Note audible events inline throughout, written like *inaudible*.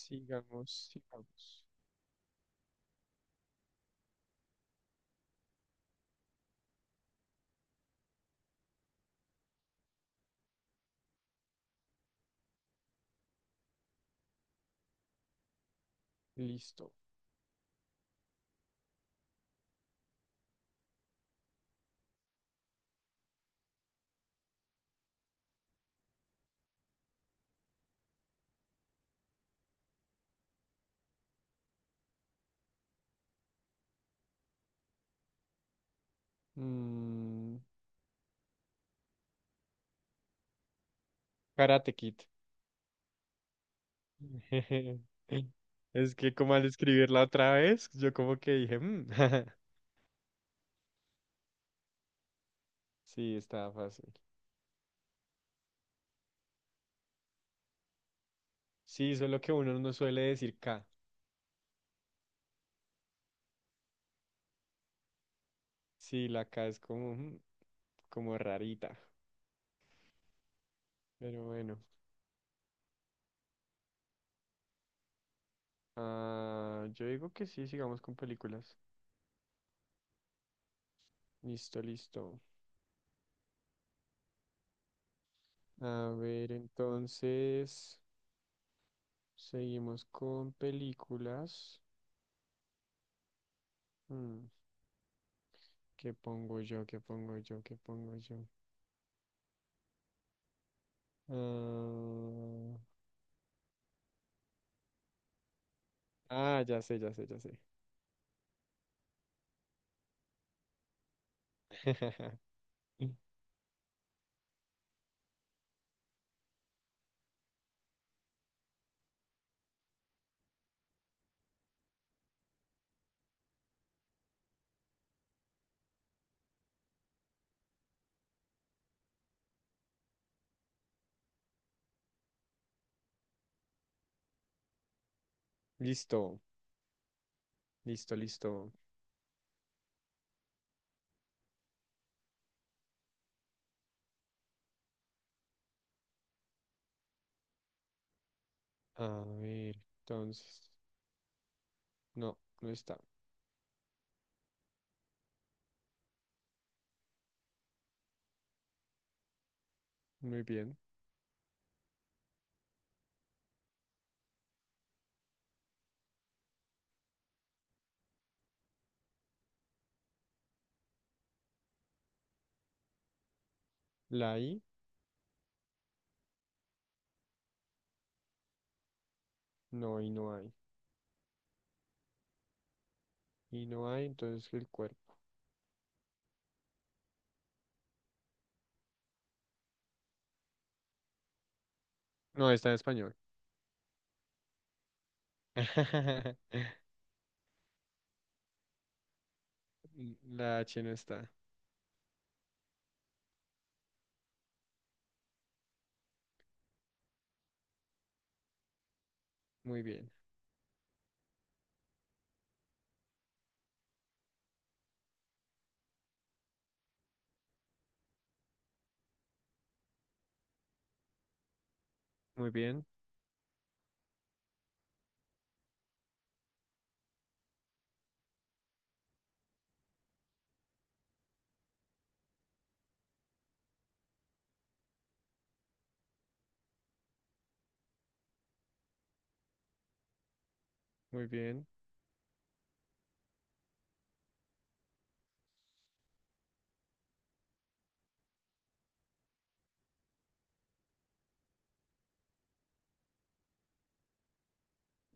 Sigamos, sigamos. Listo. Mm, Karate Kid. *laughs* Es que como al escribirla otra vez, yo como que dije, "Mm". *laughs* Sí, estaba fácil. Sí, solo que uno no suele decir K. Sí, la K es como, como rarita. Pero bueno. Ah, yo digo que sí, sigamos con películas. Listo, listo. A ver, entonces, seguimos con películas. Mm. ¿Qué pongo yo? ¿Qué pongo yo? ¿Qué pongo yo? Ah, ah, ya sé, ya sé, ya sé. *laughs* Listo, listo, listo. A ver, entonces, no, no está. Muy bien. La I, no, y no hay. Y no hay, entonces el cuerpo. No, está en español. *laughs* La H no está. Muy bien, muy bien, muy bien.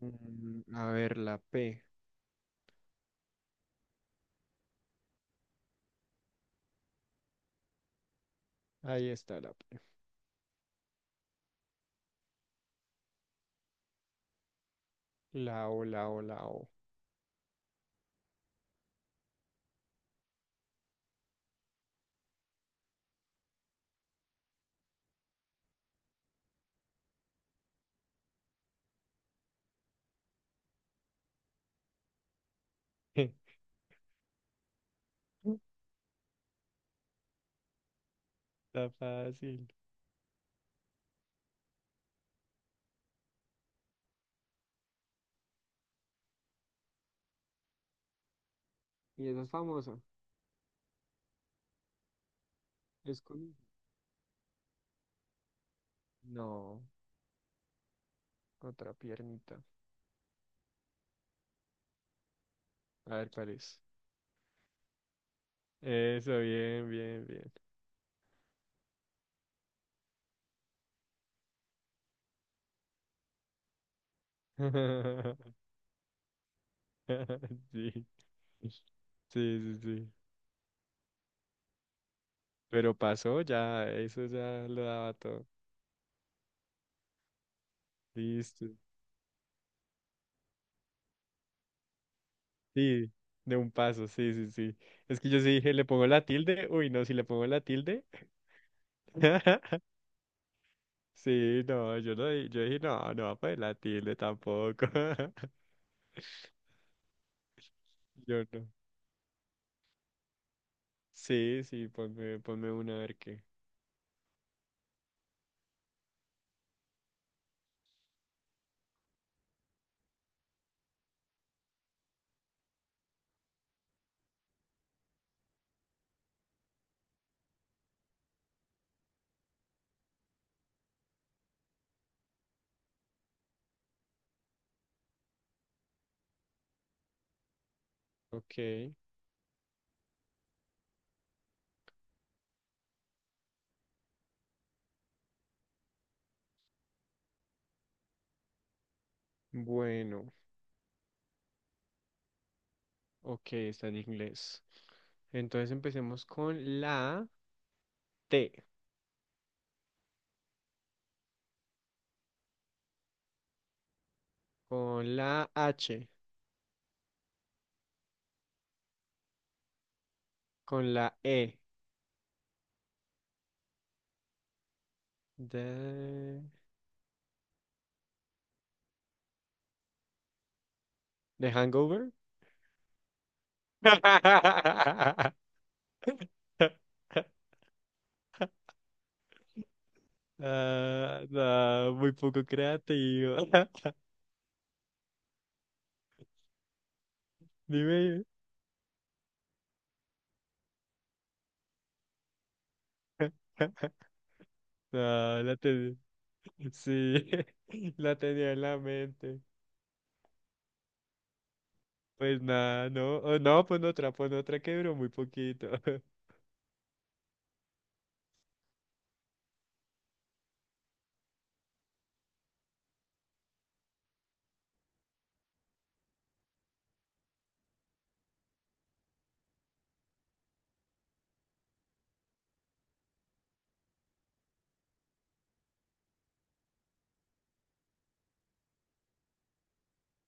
A ver, la P. Ahí está la P. La O, la O, la O. *laughs* Está fácil. Y esa es famosa. Es con... No, otra piernita. A ver cuál es. Eso, bien, bien, bien. *laughs* Sí, sí, sí, sí. Pero pasó ya, eso ya lo daba todo. Listo. Sí, de un paso, sí, sí, sí. Es que yo sí dije, ¿le pongo la tilde? Uy, no, si le pongo la tilde. *laughs* Sí, no, yo no, yo dije, no, no va a poner la tilde tampoco. *laughs* Yo no. Sí, sí, ponme una a ver qué. Ok, bueno, ok, está en inglés. Entonces empecemos con la T, con la H, con la E. ¿De, de Hangover? *laughs* Ah, no, muy poco creativo. *laughs* Dime. *laughs* No, la tenía. Sí, *laughs* la tenía en la mente. Pues nada, no. Oh, no, pon otra que duró muy poquito.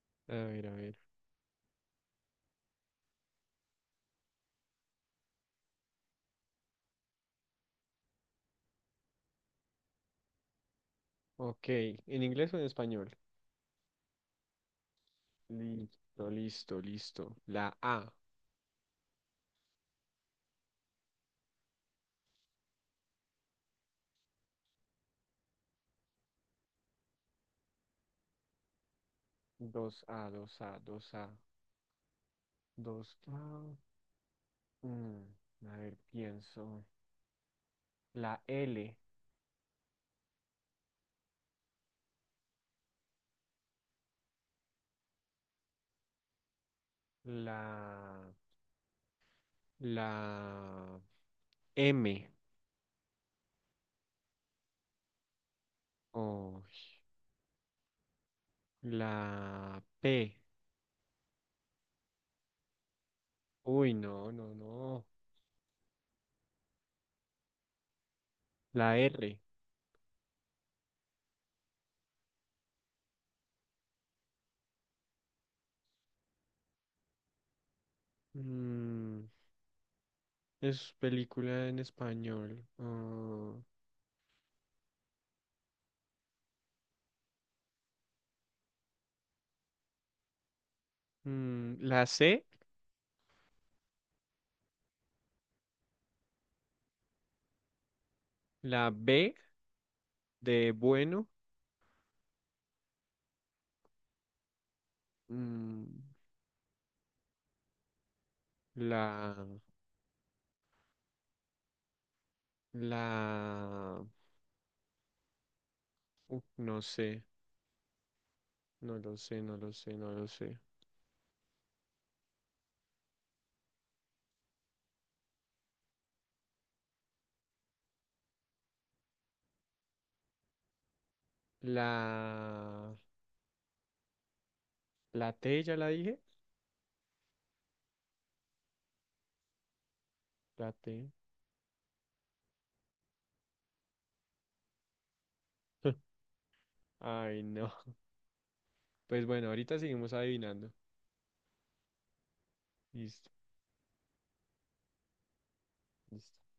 *laughs* A ver, a ver. Ok, ¿en inglés o en español? Listo, listo, listo. La A. Dos a, dos a, dos a, dos a. Mm, a ver, pienso. La L. La. La M. Oh, la P. Uy, no, no, no. La R. Mm, Es película en español. Ah, la C, la B de bueno, mm, la, la, no sé, no lo sé, no lo sé, no lo sé. La, la T ya la dije, la T. *laughs* Ay, no. Pues bueno, ahorita seguimos adivinando. Listo, listo.